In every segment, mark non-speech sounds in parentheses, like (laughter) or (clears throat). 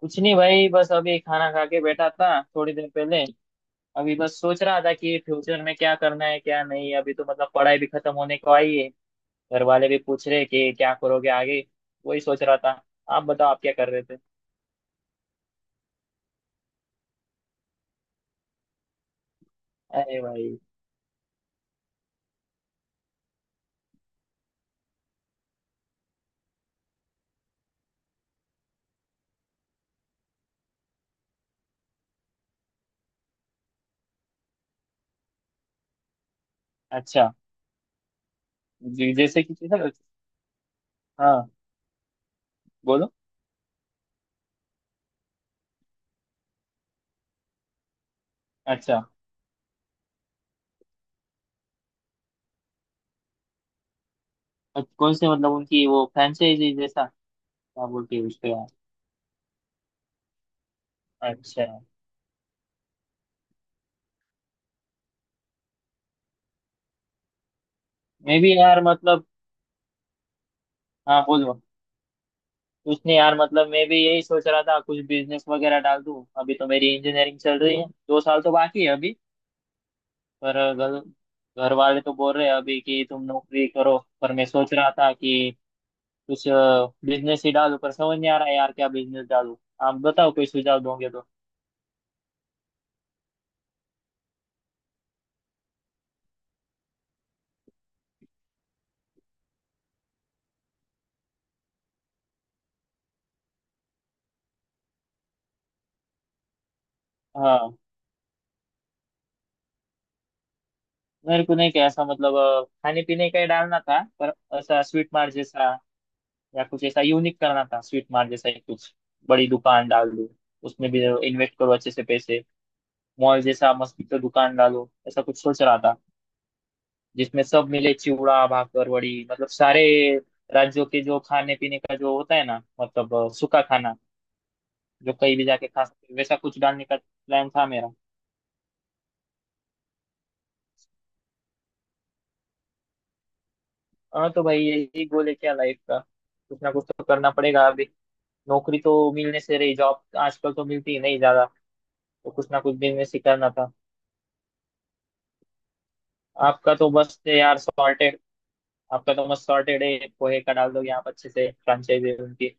कुछ नहीं भाई, बस अभी खाना खा के बैठा था थोड़ी देर पहले। अभी बस सोच रहा था कि फ्यूचर में क्या करना है क्या नहीं। अभी तो मतलब पढ़ाई भी खत्म होने को आई है। घर वाले भी पूछ रहे कि क्या करोगे आगे। वही सोच रहा था। आप बताओ, आप क्या कर रहे थे? अरे भाई। अच्छा। जैसे कि हाँ, बोलो। अच्छा। कौन से मतलब उनकी वो फ्रेंचाइजी जैसा, क्या बोलते हैं उसको यार। अच्छा। मैं भी यार मतलब। हाँ, बोलो। कुछ नहीं यार, मतलब मैं भी यही सोच रहा था कुछ बिजनेस वगैरह डाल दूं। अभी तो मेरी इंजीनियरिंग चल रही है, दो साल तो बाकी है अभी। पर घर घर वाले तो बोल रहे हैं अभी कि तुम नौकरी करो, पर मैं सोच रहा था कि कुछ बिजनेस ही डालूं। पर समझ नहीं आ रहा है यार क्या बिजनेस डालूं। आप बताओ, कोई सुझाव दोगे तो। हाँ, मेरे को नहीं क्या ऐसा मतलब खाने पीने का ही डालना था, पर ऐसा स्वीट मार्ट जैसा या कुछ ऐसा यूनिक करना था। स्वीट मार्ट जैसा ही कुछ बड़ी दुकान डाल दूं। उसमें भी इन्वेस्ट करो अच्छे से पैसे। मॉल जैसा मस्त तो दुकान डालो, ऐसा कुछ सोच रहा था। जिसमें सब मिले, चिवड़ा भाकर वड़ी, मतलब सारे राज्यों के जो खाने पीने का जो होता है ना, मतलब सूखा खाना जो कहीं भी जाके खा सकते हैं, वैसा कुछ डालने का प्लान था मेरा। हाँ तो भाई, यही गोल है क्या लाइफ का। कुछ ना कुछ तो करना पड़ेगा अभी। नौकरी तो मिलने से रही, जॉब आजकल तो मिलती ही नहीं ज्यादा, तो कुछ ना कुछ बिजनेस ही करना था। आपका तो बस है यार सॉर्टेड। आपका तो मस्त सॉर्टेड है, पोहे का डाल दो यहाँ अच्छे से, फ्रांचाइजी उनकी।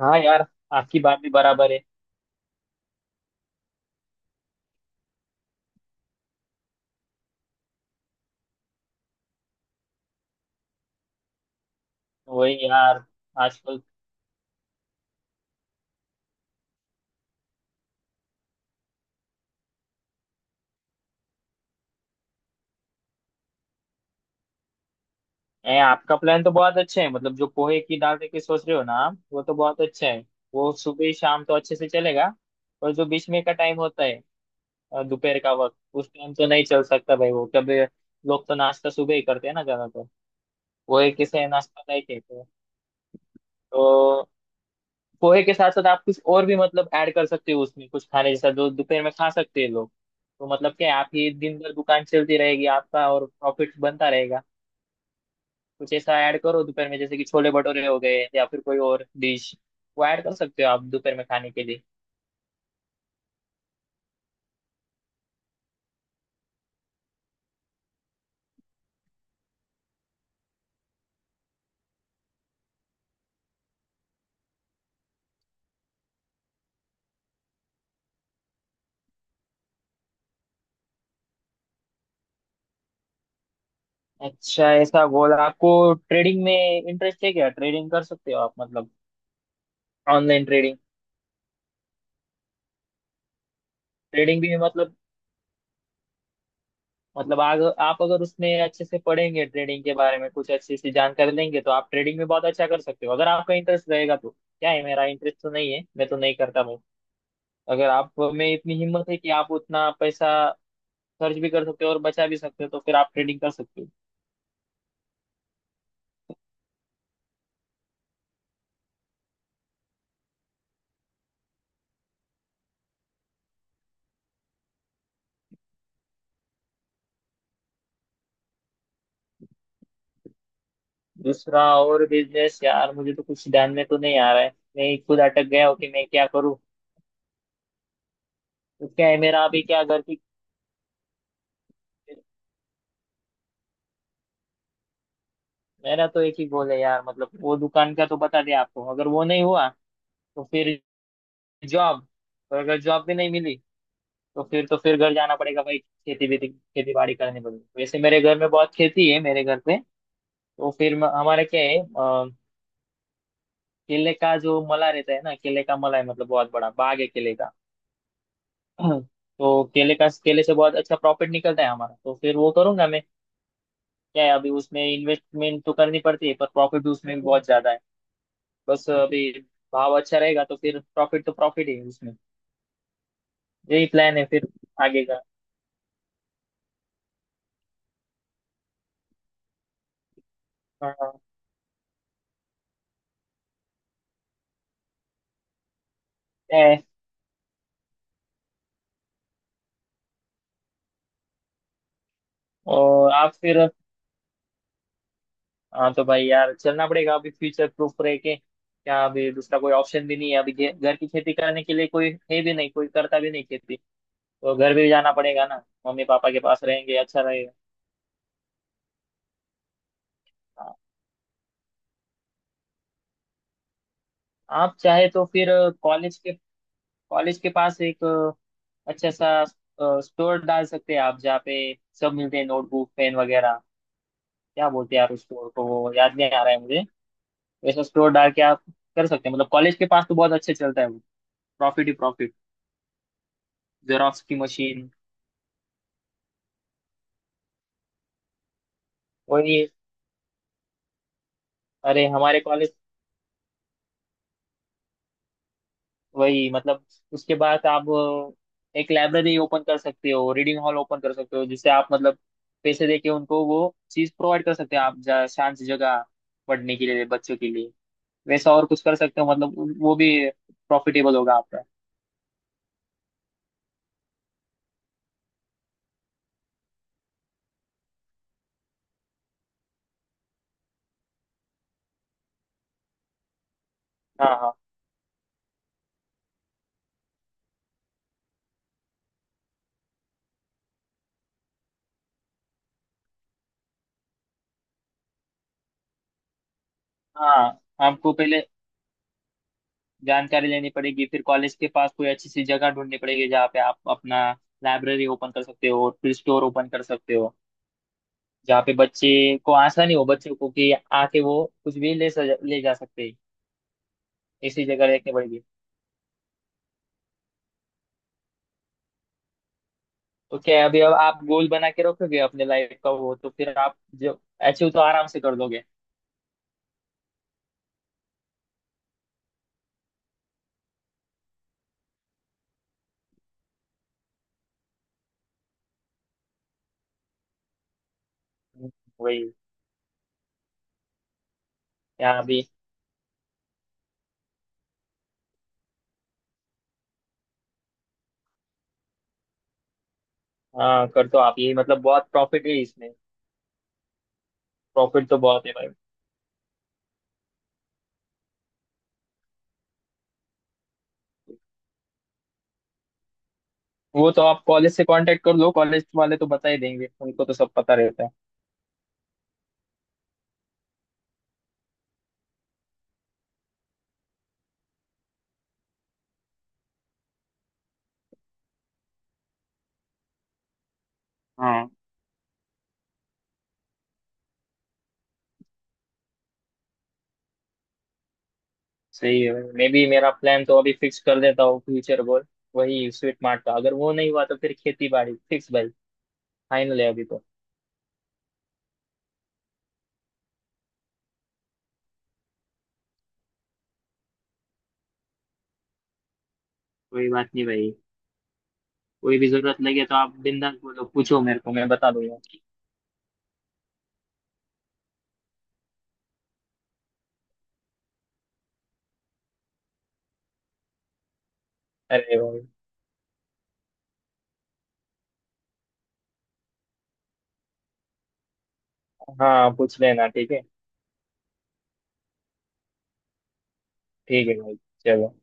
हाँ यार, आपकी बात भी बराबर है। वही यार। आजकल। आपका प्लान तो बहुत अच्छा है, मतलब जो पोहे की दाल की सोच रहे हो ना आप, वो तो बहुत अच्छा है। वो सुबह शाम तो अच्छे से चलेगा, पर जो बीच में का टाइम होता है, दोपहर का वक्त, उस टाइम तो नहीं चल सकता भाई वो कभी। लोग तो नाश्ता सुबह ही करते हैं ना ज्यादातर। वो एक किसे नाश्ता नहीं कहते तो पोहे के साथ साथ आप कुछ और भी मतलब ऐड कर सकते हो उसमें, कुछ खाने जैसा जो दोपहर में खा सकते हैं लोग। तो मतलब क्या है, आपकी दिन भर दुकान चलती रहेगी आपका और प्रॉफिट बनता रहेगा। कुछ ऐसा ऐड करो दोपहर में, जैसे कि छोले भटूरे हो गए या फिर कोई और डिश, वो ऐड कर सकते हो आप दोपहर में खाने के लिए। अच्छा ऐसा बोला, आपको ट्रेडिंग में इंटरेस्ट है क्या? ट्रेडिंग कर सकते हो आप मतलब ऑनलाइन ट्रेडिंग। ट्रेडिंग भी मतलब, मतलब आप अगर उसमें अच्छे से पढ़ेंगे, ट्रेडिंग के बारे में कुछ अच्छी सी जानकारी लेंगे, तो आप ट्रेडिंग में बहुत अच्छा कर सकते हो अगर आपका इंटरेस्ट रहेगा तो। क्या है मेरा इंटरेस्ट तो नहीं है, मैं तो नहीं करता भाई। अगर आप में इतनी हिम्मत है कि आप उतना पैसा खर्च भी कर सकते हो और बचा भी सकते हो, तो फिर आप ट्रेडिंग कर सकते हो। दूसरा और बिजनेस यार मुझे तो कुछ ध्यान में तो नहीं आ रहा है। मैं खुद अटक गया हूँ कि मैं क्या करूँ। तो क्या है मेरा अभी, क्या घर की। मेरा तो एक ही गोल है यार, मतलब वो दुकान का तो बता दिया आपको। अगर वो नहीं हुआ तो फिर जॉब, और अगर जॉब भी नहीं मिली तो फिर घर जाना पड़ेगा भाई। खेती बेती, खेती बाड़ी करनी पड़ेगी। वैसे मेरे घर में बहुत खेती है मेरे घर पे। तो फिर हमारा क्या है, केले का जो मला रहता है ना, केले का मला है, मतलब बहुत बड़ा बाग है केले का। (clears throat) तो केले का, केले से बहुत अच्छा प्रॉफिट निकलता है हमारा, तो फिर वो करूंगा मैं। क्या है, अभी उसमें इन्वेस्टमेंट तो करनी पड़ती है पर प्रॉफिट भी उसमें भी बहुत ज्यादा है। बस अभी भाव अच्छा रहेगा तो फिर प्रॉफिट तो प्रॉफिट ही है उसमें। यही प्लान है फिर आगे का। हाँ। और आप फिर। हाँ तो भाई यार, चलना पड़ेगा अभी। फ्यूचर प्रूफ रह के क्या, अभी दूसरा कोई ऑप्शन भी नहीं है। अभी घर की खेती करने के लिए कोई है भी नहीं, कोई करता भी नहीं खेती। तो घर भी जाना पड़ेगा ना, मम्मी पापा के पास रहेंगे, अच्छा रहेगा। हाँ, आप चाहे तो फिर कॉलेज के कॉलेज के पास एक अच्छा सा स्टोर डाल सकते हैं आप, जहाँ पे सब मिलते हैं, नोटबुक पेन वगैरह। क्या बोलते हैं यार उस स्टोर को, वो याद नहीं आ रहा है मुझे। वैसा स्टोर डाल के आप कर सकते हैं, मतलब कॉलेज के पास तो बहुत अच्छे चलता है वो। प्रॉफिट ही profit। जेरॉक्स की मशीन। वही। अरे हमारे कॉलेज। वही मतलब उसके बाद आप एक लाइब्रेरी ओपन कर सकते हो, रीडिंग हॉल ओपन कर सकते हो, जिससे आप मतलब पैसे देके उनको वो चीज प्रोवाइड कर सकते हैं आप। शांत सी जगह पढ़ने के लिए बच्चों के लिए, वैसा और कुछ कर सकते हो। मतलब वो भी प्रॉफिटेबल होगा आपका। हाँ, हाँ, हाँ। आपको पहले जानकारी लेनी पड़ेगी, फिर कॉलेज के पास कोई अच्छी सी जगह ढूंढनी पड़ेगी जहाँ पे आप अपना लाइब्रेरी ओपन कर सकते हो, फिर स्टोर ओपन कर सकते हो जहाँ पे बच्चे को आसानी हो, बच्चों को कि आके वो कुछ भी ले जा सकते हैं। ऐसी जगह रखनी पड़ेगी। तो क्या है, अभी अब आप गोल बना के रखोगे अपने लाइफ का, वो तो फिर आप जो अचीव तो आराम से कर दोगे। वही। यहाँ अभी हाँ कर दो आप ये, मतलब बहुत प्रॉफिट है इसमें। प्रॉफिट तो बहुत है भाई। वो तो आप कॉलेज से कांटेक्ट कर लो, कॉलेज वाले तो बता ही देंगे, उनको तो सब पता रहता है। हाँ। सही है। मे बी मेरा प्लान तो अभी फिक्स कर देता हूँ, फ्यूचर गोल वही स्वीट मार्ट का। अगर वो नहीं हुआ तो फिर खेती बाड़ी फिक्स भाई। फाइनल है अभी तो। कोई बात नहीं भाई, कोई भी जरूरत लगे तो आप बिंदास बोलो, पूछो मेरे को, मैं बता दूंगा। अरे भाई। हाँ पूछ लेना, ठीक है। ठीक है भाई, चलो।